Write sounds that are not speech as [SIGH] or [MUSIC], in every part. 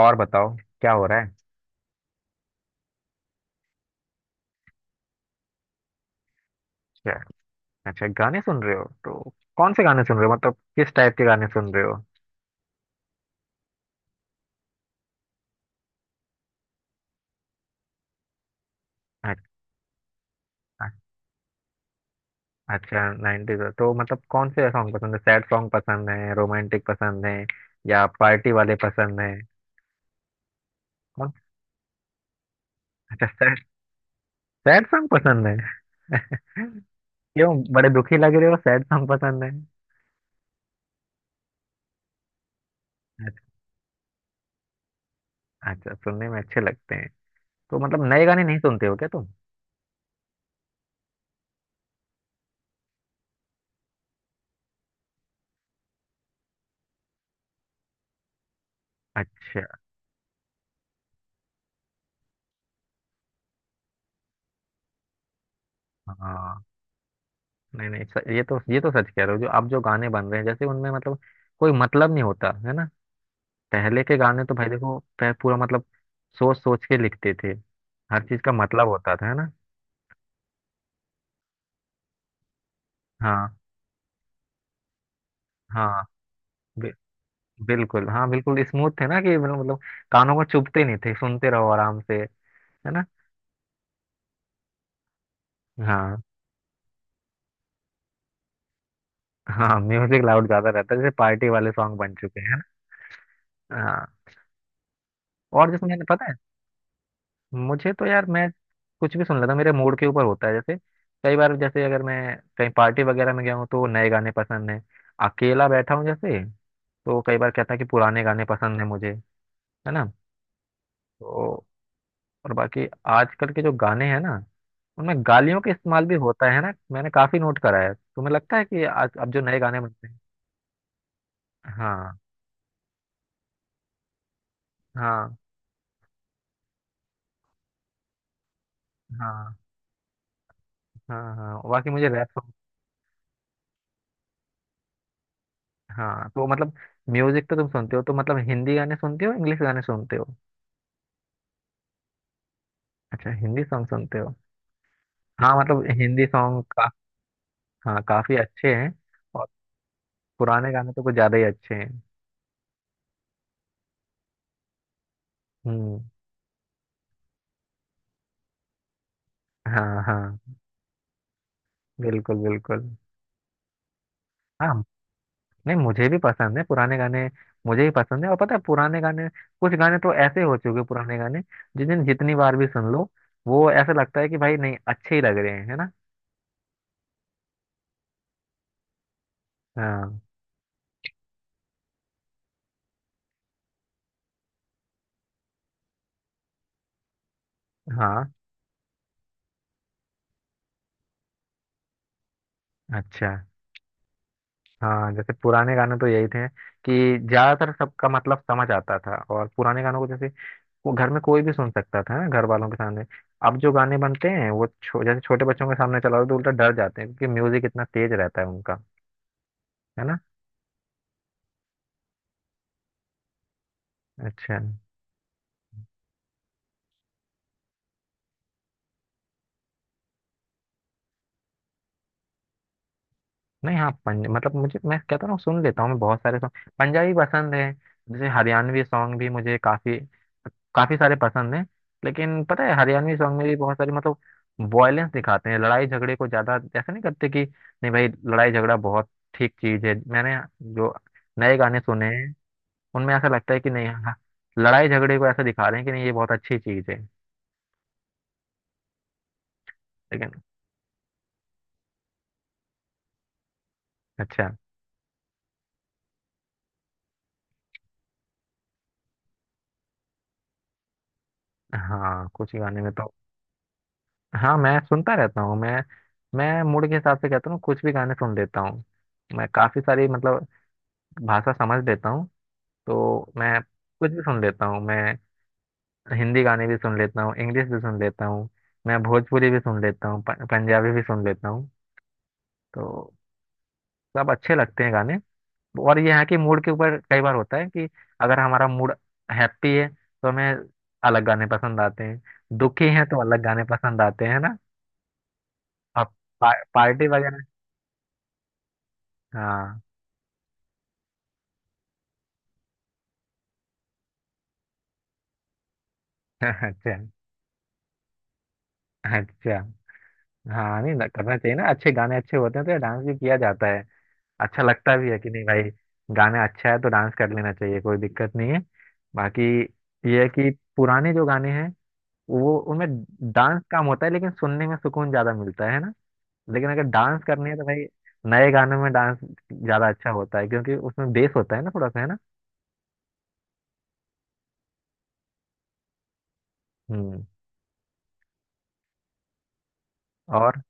और बताओ। क्या हो रहा है? क्या? अच्छा, गाने सुन रहे हो तो कौन से गाने सुन रहे हो? मतलब किस टाइप के गाने सुन रहे हो? अच्छा। अच्छा नाइनटीज। तो मतलब कौन से सॉन्ग पसंद है? सैड सॉन्ग पसंद है, रोमांटिक पसंद है, या पार्टी वाले पसंद है? कौन? अच्छा सैड। सैड सॉन्ग पसंद है। [LAUGHS] क्यों बड़े दुखी लग रहे हो? सैड सॉन्ग पसंद है। अच्छा। अच्छा, सुनने में अच्छे लगते हैं। तो मतलब नए गाने नहीं सुनते हो क्या तुम? अच्छा। हाँ। नहीं नहीं, ये तो सच कह रहे हो, जो अब जो गाने बन रहे हैं जैसे उनमें मतलब कोई मतलब नहीं होता है ना। पहले के गाने तो भाई देखो, पूरा मतलब सोच सोच के लिखते थे। हर चीज का मतलब होता था, है ना। हाँ हाँ। बि, बिल्कुल। हाँ बिल्कुल स्मूथ थे ना, कि मतलब कानों को चुभते नहीं थे, सुनते रहो आराम से। है ना? हाँ। हाँ म्यूजिक लाउड ज्यादा रहता है, जैसे पार्टी वाले सॉन्ग बन चुके हैं, है ना। हाँ और जिसमें मैंने पता है। मुझे तो यार, मैं कुछ भी सुन लेता हूँ, मेरे मूड के ऊपर होता है। जैसे कई बार, जैसे अगर मैं कहीं पार्टी वगैरह में गया हूँ तो नए गाने पसंद है। अकेला बैठा हूँ जैसे, तो कई बार कहता है कि पुराने गाने पसंद है मुझे। है ना। तो और बाकी आजकल के जो गाने हैं ना, उनमें गालियों का इस्तेमाल भी होता है ना। मैंने काफी नोट करा है। तुम्हें लगता है कि आज अब जो नए गाने बनते हैं? हाँ हाँ। हाँ हाँ। हाँ बाकी मुझे रैप। हाँ तो मतलब म्यूजिक तो तुम सुनते हो, तो मतलब हिंदी गाने सुनते हो इंग्लिश गाने सुनते हो? अच्छा, हिंदी सॉन्ग सुनते हो। हाँ मतलब हिंदी सॉन्ग का। हाँ काफी अच्छे हैं। और पुराने गाने तो कुछ ज्यादा ही अच्छे हैं। हम्म। हाँ हाँ। बिल्कुल बिल्कुल। हाँ नहीं, मुझे भी पसंद है पुराने गाने। मुझे भी पसंद है, और पता है पुराने गाने, कुछ गाने तो ऐसे हो चुके हैं, पुराने गाने, जिन्हें जितनी बार भी सुन लो वो ऐसा लगता है कि भाई नहीं अच्छे ही लग रहे हैं, है ना। हाँ हाँ। अच्छा। हाँ जैसे पुराने गाने तो यही थे कि ज्यादातर सबका मतलब समझ आता था, और पुराने गानों को जैसे वो घर में कोई भी सुन सकता था ना, घर वालों के सामने। अब जो गाने बनते हैं वो जैसे छोटे बच्चों के सामने चलाओ तो उल्टा डर जाते हैं, क्योंकि म्यूजिक इतना तेज रहता है उनका। है ना? अच्छा। नहीं हाँ पंज मतलब मुझे, मैं कहता हूँ सुन लेता हूँ, मैं बहुत सारे सॉन्ग पंजाबी पसंद है। जैसे हरियाणवी सॉन्ग भी मुझे काफी काफी सारे पसंद हैं। लेकिन पता है हरियाणवी सॉन्ग में भी बहुत सारी मतलब वॉयलेंस दिखाते हैं, लड़ाई झगड़े को ज्यादा, ऐसा नहीं करते कि नहीं भाई लड़ाई झगड़ा बहुत ठीक चीज है। मैंने जो नए गाने सुने हैं उनमें ऐसा लगता है कि नहीं हाँ लड़ाई झगड़े को ऐसा दिखा रहे हैं कि नहीं ये बहुत अच्छी चीज है। लेकिन अच्छा। हाँ कुछ गाने में तो। हाँ मैं सुनता रहता हूँ मैं। मैं मूड के हिसाब से कहता हूँ, कुछ भी गाने सुन लेता हूँ। मैं काफी सारी मतलब भाषा समझ लेता हूँ, तो मैं कुछ भी सुन लेता हूँ मैं। हिंदी गाने भी सुन लेता हूँ, इंग्लिश भी सुन लेता हूँ, मैं भोजपुरी भी सुन लेता हूँ, पंजाबी भी सुन लेता हूँ। तो सब अच्छे लगते हैं गाने। और ये है कि मूड के ऊपर कई बार होता है कि अगर हमारा मूड हैप्पी है तो हमें अलग गाने पसंद आते हैं, दुखी है तो अलग गाने पसंद आते हैं ना। अब पार्टी वगैरह। हाँ। [LAUGHS] अच्छा। अच्छा हाँ नहीं करना चाहिए ना, अच्छे गाने अच्छे होते हैं तो डांस भी किया जाता है। अच्छा लगता भी है कि नहीं भाई गाना अच्छा है तो डांस कर लेना चाहिए, कोई दिक्कत नहीं है। बाकी ये है कि पुराने जो गाने हैं वो उनमें डांस कम होता है, लेकिन सुनने में सुकून ज्यादा मिलता है ना। लेकिन अगर डांस करनी है तो भाई नए गानों में डांस ज्यादा अच्छा होता है, क्योंकि उसमें बेस होता है ना थोड़ा सा, है ना। हम्म। और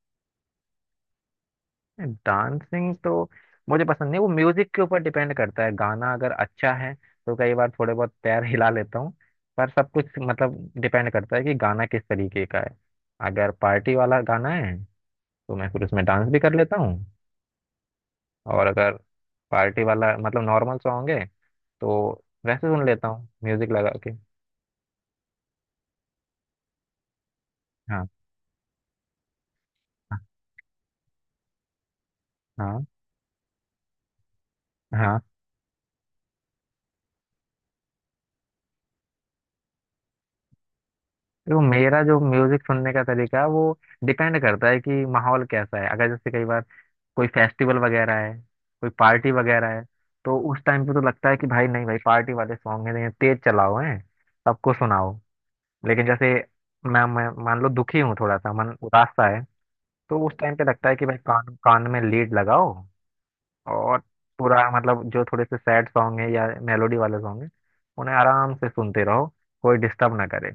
डांसिंग तो मुझे पसंद नहीं, वो म्यूजिक के ऊपर डिपेंड करता है। गाना अगर अच्छा है तो कई बार थोड़े बहुत पैर [LAUGHS] हिला लेता हूँ। पर सब कुछ मतलब डिपेंड करता है कि गाना किस तरीके का है। अगर पार्टी वाला गाना है तो मैं फिर उसमें डांस भी कर लेता हूँ। और अगर पार्टी वाला मतलब नॉर्मल सॉन्ग है तो वैसे सुन लेता हूँ म्यूजिक लगा के। हाँ हाँ। हाँ हाँ। देखो मेरा जो म्यूजिक सुनने का तरीका है, वो डिपेंड करता है कि माहौल कैसा है। अगर जैसे कई बार कोई फेस्टिवल वगैरह है, कोई पार्टी वगैरह है, तो उस टाइम पे तो लगता है कि भाई नहीं भाई पार्टी वाले सॉन्ग हैं ये तेज चलाओ हैं, सबको सुनाओ। लेकिन जैसे मैं मान लो दुखी हूँ थोड़ा सा, मन उदासा है, तो उस टाइम पे लगता है कि भाई कान कान में लीड लगाओ, और पूरा मतलब जो थोड़े से सैड सॉन्ग है या मेलोडी वाले सॉन्ग है उन्हें आराम से सुनते रहो, कोई डिस्टर्ब ना करे।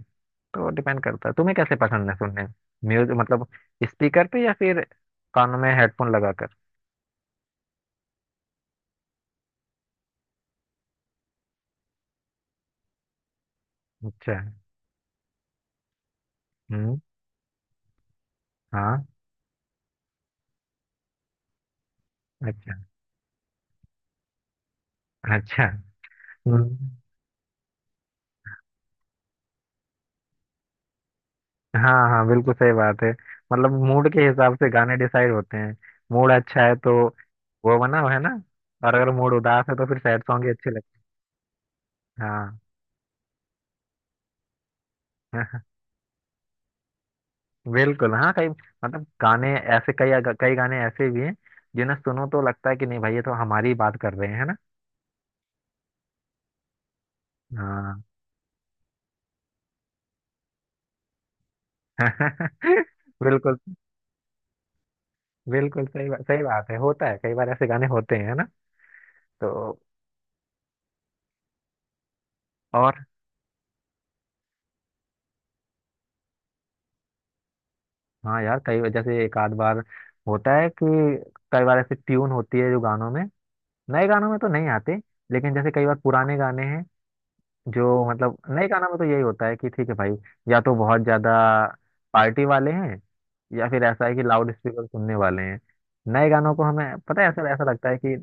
तो डिपेंड करता है तुम्हें कैसे पसंद है सुनने म्यूजिक, मतलब स्पीकर पे या फिर कानों में हेडफोन लगाकर। अच्छा। हम्म। हाँ। अच्छा। अच्छा। हम्म। हाँ हाँ बिल्कुल सही बात है, मतलब मूड के हिसाब से गाने डिसाइड होते हैं। मूड अच्छा है तो वो बना हुआ है ना, और अगर मूड उदास है तो फिर सैड सॉन्ग ही अच्छे लगते हैं, हाँ। [LAUGHS] बिल्कुल। हाँ कई मतलब गाने ऐसे, कई कई गाने ऐसे भी हैं जिन्हें सुनो तो लगता है कि नहीं भाई ये तो हमारी ही बात कर रहे हैं, है ना। हाँ। [LAUGHS] बिल्कुल बिल्कुल। सही बात है, होता है कई बार ऐसे गाने होते हैं ना। तो और हाँ यार, कई जैसे एक आध बार होता है कि कई बार ऐसे ट्यून होती है जो गानों में, नए गानों में तो नहीं आते। लेकिन जैसे कई बार पुराने गाने हैं जो मतलब, नए गानों में तो यही होता है कि ठीक है भाई, या तो बहुत ज्यादा पार्टी वाले हैं, या फिर ऐसा है कि लाउड स्पीकर सुनने वाले हैं। नए गानों को हमें पता है, ऐसा ऐसा लगता है कि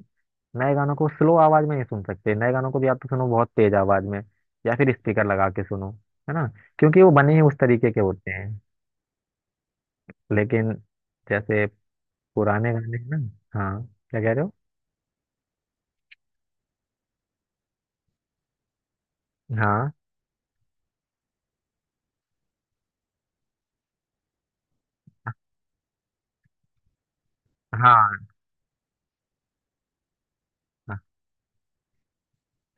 नए गानों को स्लो आवाज में नहीं सुन सकते, नए गानों को भी आप तो सुनो बहुत तेज आवाज में, या फिर स्पीकर लगा के सुनो, है ना, क्योंकि वो बने ही उस तरीके के होते हैं। लेकिन जैसे पुराने गाने हैं ना, हाँ। क्या कह रहे हो? हाँ हाँ।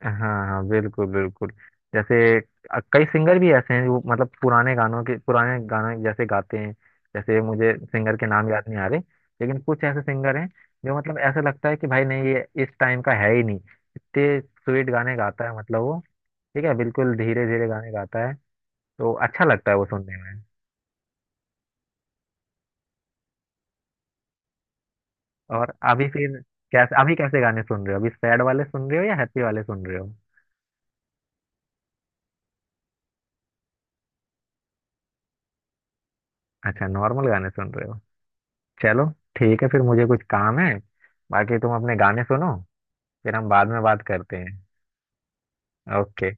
हाँ हाँ बिल्कुल बिल्कुल। जैसे कई सिंगर भी ऐसे हैं जो मतलब पुराने गानों के पुराने गाने जैसे गाते हैं। जैसे मुझे सिंगर के नाम याद नहीं आ रहे, लेकिन कुछ ऐसे सिंगर हैं जो मतलब ऐसा लगता है कि भाई नहीं ये इस टाइम का है ही नहीं, इतने स्वीट गाने गाता है मतलब वो। ठीक है बिल्कुल धीरे धीरे गाने गाता है, तो अच्छा लगता है वो सुनने में। और अभी फिर कैसे, अभी कैसे गाने सुन रहे हो? अभी सैड वाले सुन रहे हो या हैप्पी वाले सुन रहे हो? अच्छा नॉर्मल गाने सुन रहे हो। चलो ठीक है फिर, मुझे कुछ काम है, बाकी तुम अपने गाने सुनो। फिर हम बाद में बात करते हैं। ओके।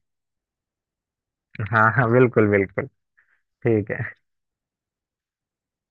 हाँ हाँ बिल्कुल बिल्कुल। ठीक है।